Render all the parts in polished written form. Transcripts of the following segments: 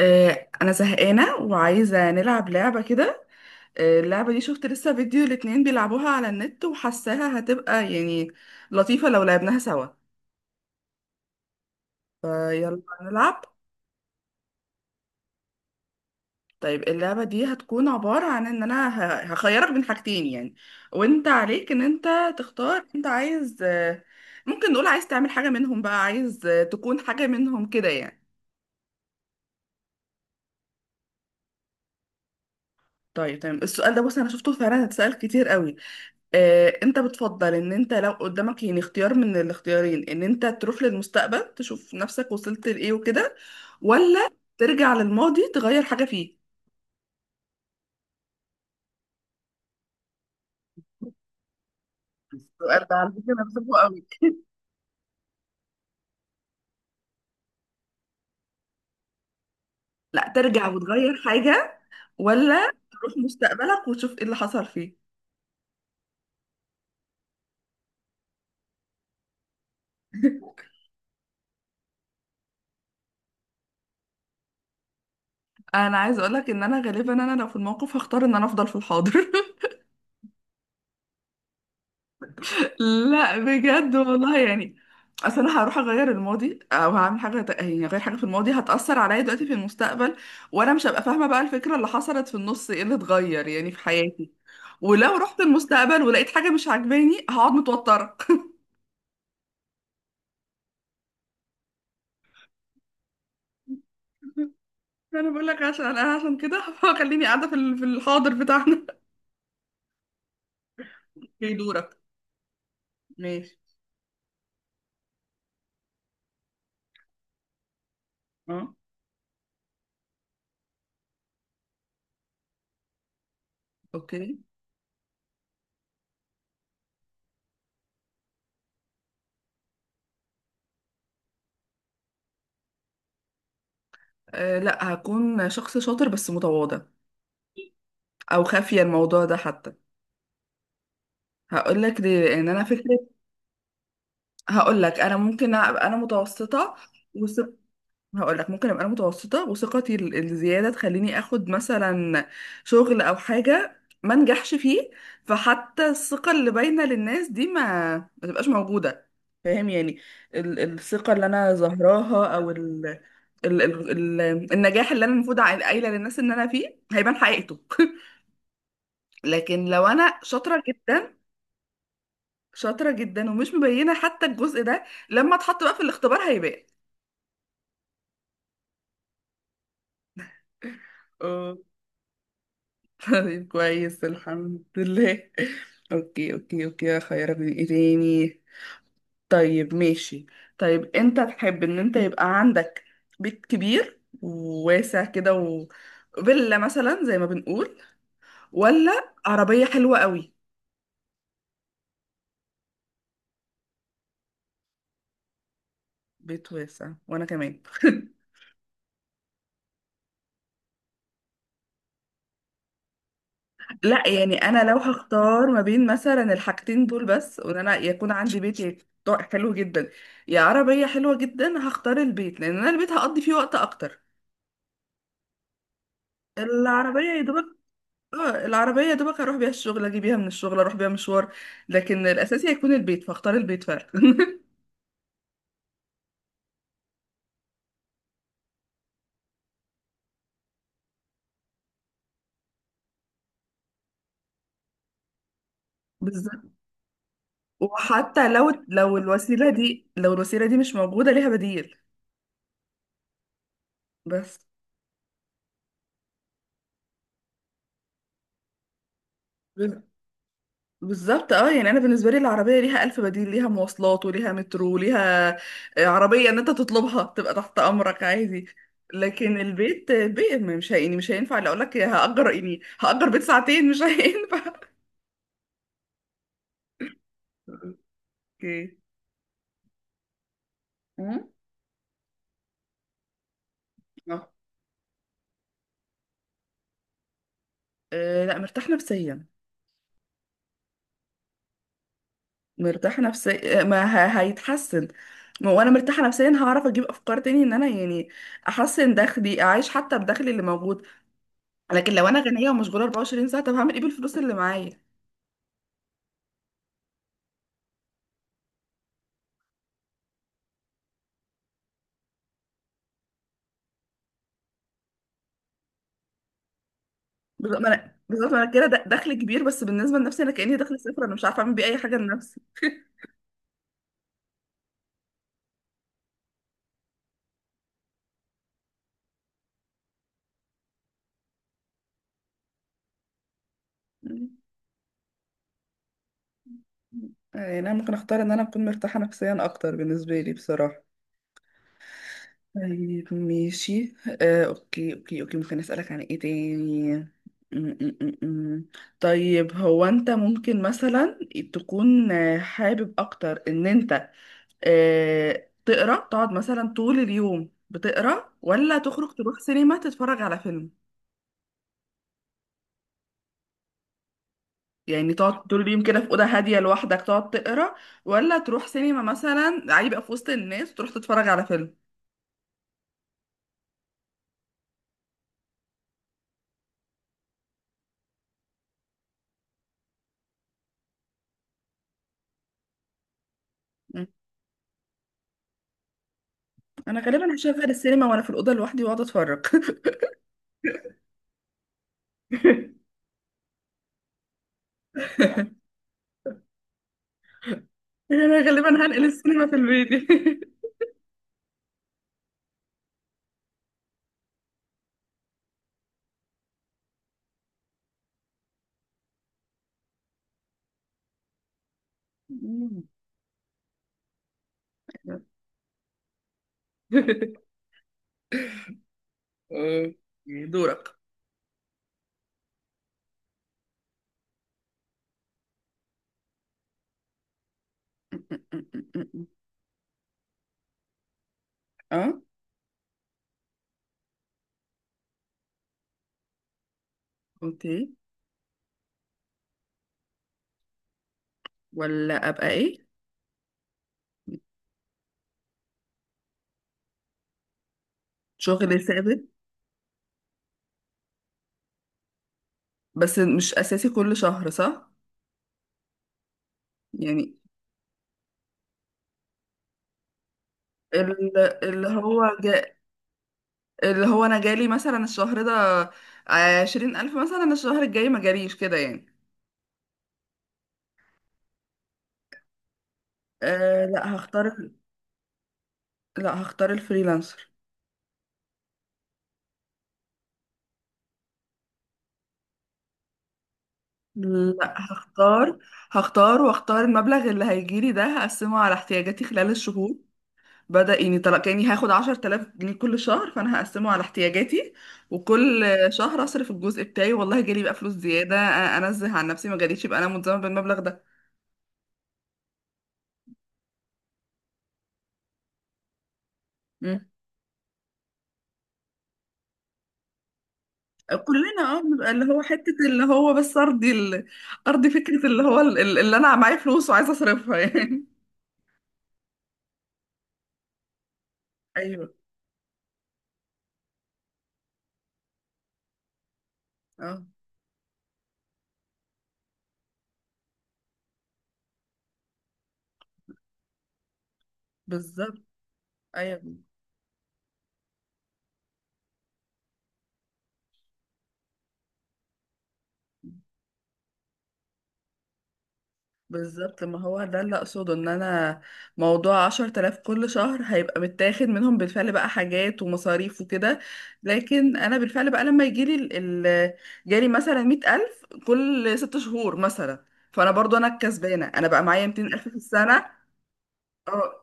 انا زهقانه وعايزه نلعب لعبه كده. اللعبه دي شفت لسه فيديو الاتنين بيلعبوها على النت وحاساها هتبقى يعني لطيفه لو لعبناها سوا. فيلا نلعب. طيب اللعبه دي هتكون عباره عن ان انا هخيرك بين حاجتين يعني، وانت عليك ان انت تختار. انت عايز ممكن نقول عايز تعمل حاجه منهم، بقى عايز تكون حاجه منهم كده يعني. طيب تمام، السؤال ده بص انا شفته فعلا اتسأل كتير قوي. انت بتفضل ان انت لو قدامك يعني اختيار من الاختيارين، ان انت تروح للمستقبل تشوف نفسك وصلت لايه وكده، ولا ترجع للماضي تغير حاجة فيه؟ سؤال ده على فكرة مكسوفه قوي. لا ترجع وتغير حاجة، ولا تروح مستقبلك وتشوف ايه اللي حصل فيه؟ انا عايزه اقولك ان انا غالبا انا لو في الموقف هختار ان انا افضل في الحاضر. لا بجد والله يعني. اصل انا هروح اغير الماضي، او هعمل حاجه يعني اغير حاجه في الماضي، هتاثر عليا دلوقتي في المستقبل، وانا مش هبقى فاهمه بقى الفكره اللي حصلت في النص ايه اللي اتغير يعني في حياتي. ولو رحت المستقبل ولقيت حاجه مش عاجباني هقعد متوتره. انا بقول لك عشان انا عشان كده خليني قاعده في الحاضر بتاعنا. في دورك. ماشي. اه. اوكي. أه لا، هكون شخص شاطر بس متواضع، او خافيه الموضوع ده حتى. هقول لك ليه، لان انا فكره. هقول لك انا ممكن ابقى انا متوسطه. وثق... هقول لك ممكن ابقى انا متوسطه، وثقتي الزياده تخليني اخد مثلا شغل او حاجه ما نجحش فيه، فحتى الثقه اللي باينه للناس دي ما تبقاش موجوده. فاهم يعني. الثقه اللي انا ظاهراها او ال... ال... ال... ال... النجاح اللي انا المفروض قايله للناس ان انا فيه هيبان حقيقته. لكن لو انا شاطره جدا، شاطره جدا ومش مبينه حتى الجزء ده، لما اتحط بقى في الاختبار هيبان. اه. طيب كويس، الحمد لله. اوكي اوكي اوكي. خيرك من ايه تاني؟ طيب ماشي. طيب انت تحب ان انت يبقى عندك بيت كبير وواسع كده و... فيلا مثلا زي ما بنقول، ولا عربية حلوة قوي؟ بيت واسع، وانا كمان. لا يعني انا لو هختار ما بين مثلا الحاجتين دول بس، وان انا يكون عندي بيت حلو جدا، يا عربية حلوة جدا، هختار البيت لان انا البيت هقضي فيه وقت اكتر. العربية يا دوبك. اه العربية يا دوبك اروح بيها الشغل، اجي بيها من الشغل، اروح بيها مشوار، لكن الاساسي هيكون البيت، فاختار البيت فعلا. بالظبط. وحتى لو الوسيلة دي، لو الوسيلة دي مش موجودة ليها بديل. بس. بال- بالظبط اه، يعني انا بالنسبة لي العربية ليها الف بديل، ليها مواصلات وليها مترو وليها عربية ان انت تطلبها تبقى تحت امرك عادي. لكن البيت البيت مش هي- يعني مش هينفع لو اقول لك هأجر، يعني هأجر بيت ساعتين مش هينفع. اوكي. أمم. آه. لا، مرتاحة نفسيا. مرتاحة نفسيا ما هيتحسن. ما وانا مرتاحة نفسيا هعرف اجيب افكار تاني ان انا يعني احسن دخلي، اعيش حتى بدخلي اللي موجود. لكن لو انا غنية ومشغولة 24 ساعة، طب هعمل ايه بالفلوس اللي معايا؟ بالظبط ما انا، بالظبط ما انا كده دخل كبير، بس بالنسبة لنفسي انا كأني دخل صفر، انا مش عارفة اعمل بيه اي حاجة لنفسي. يعني انا ممكن اختار ان انا اكون مرتاحة نفسيا اكتر بالنسبة لي بصراحة. طيب ماشي. اوكي اوكي اوكي. ممكن اسألك عن ايه تاني؟ م- م- م- م. طيب هو انت ممكن مثلا تكون حابب اكتر ان انت تقرا، تقعد مثلا طول اليوم بتقرا، ولا تخرج تروح سينما تتفرج على فيلم؟ يعني تقعد طول اليوم كده في اوضه هاديه لوحدك تقعد تقرا، ولا تروح سينما مثلا عادي بقى في وسط الناس وتروح تتفرج على فيلم؟ م. انا غالبا هشغل السينما وانا في الاوضه لوحدي واقعد اتفرج. انا غالبا هنقل السينما في البيت. آه، دورك. اه اوكي. ولا ابقى ايه؟ شغل ثابت بس مش اساسي كل شهر صح يعني. ال- اللي هو جا... اللي هو انا جالي مثلا الشهر ده 20 الف مثلا، الشهر الجاي ما جاليش كده يعني. أه لا هختار ال- لا هختار الفريلانسر. لا هختار هختار واختار المبلغ اللي هيجيلي ده، هقسمه على احتياجاتي خلال الشهور. يعني طلع كأني هاخد 10 تلاف جنيه كل شهر، فأنا هقسمه على احتياجاتي، وكل شهر أصرف الجزء بتاعي. والله جالي بقى فلوس زيادة أنزه عن نفسي، ما جاليش يبقى أنا ملزمة بالمبلغ ده. مم. كلنا اه بنبقى اللي هو حتة، اللي هو بس أرضي ال... أرضي فكرة اللي هو اللي أنا معايا فلوس وعايزة أصرفها يعني. أيوه اه بالظبط ايوه. بالظبط، ما هو ده اللي اقصده، ان انا موضوع 10 تلاف كل شهر هيبقى متاخد منهم بالفعل بقى حاجات ومصاريف وكده. لكن انا بالفعل بقى لما يجيلي جالي مثلا 100 ألف كل 6 شهور مثلا، فانا برضو انا الكسبانة، انا بقى معايا 200 ألف في السنة. اه.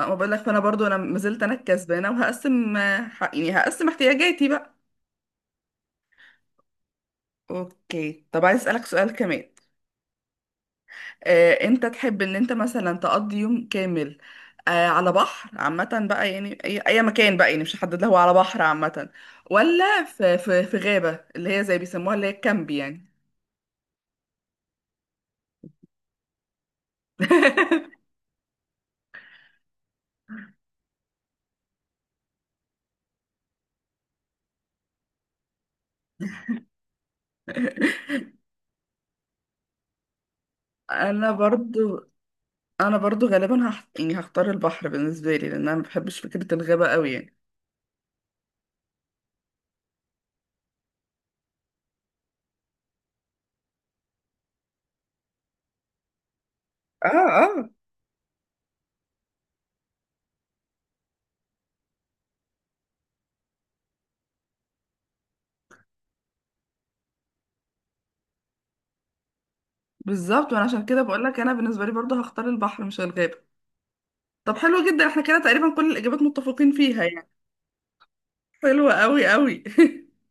ما بقولك، فانا برضو انا ما زلت انا الكسبانة، وهقسم يعني هقسم احتياجاتي بقى. اوكي طب عايز اسألك سؤال كمان. انت تحب ان انت مثلا تقضي يوم كامل على بحر عامة بقى يعني، اي أي مكان بقى يعني مش هحدد له، هو على بحر عامة، ولا في غابة اللي هي زي بيسموها اللي هي الكامب يعني؟ انا برضو، انا برضو غالبا يعني هختار البحر بالنسبة لي لان انا ما بحبش فكرة الغابة قوي يعني. اه اه. بالظبط، وانا عشان كده بقول لك انا بالنسبة لي برضو هختار البحر مش الغابة. طب حلو جدا، احنا كده تقريبا كل الاجابات متفقين فيها يعني. حلوة قوي قوي.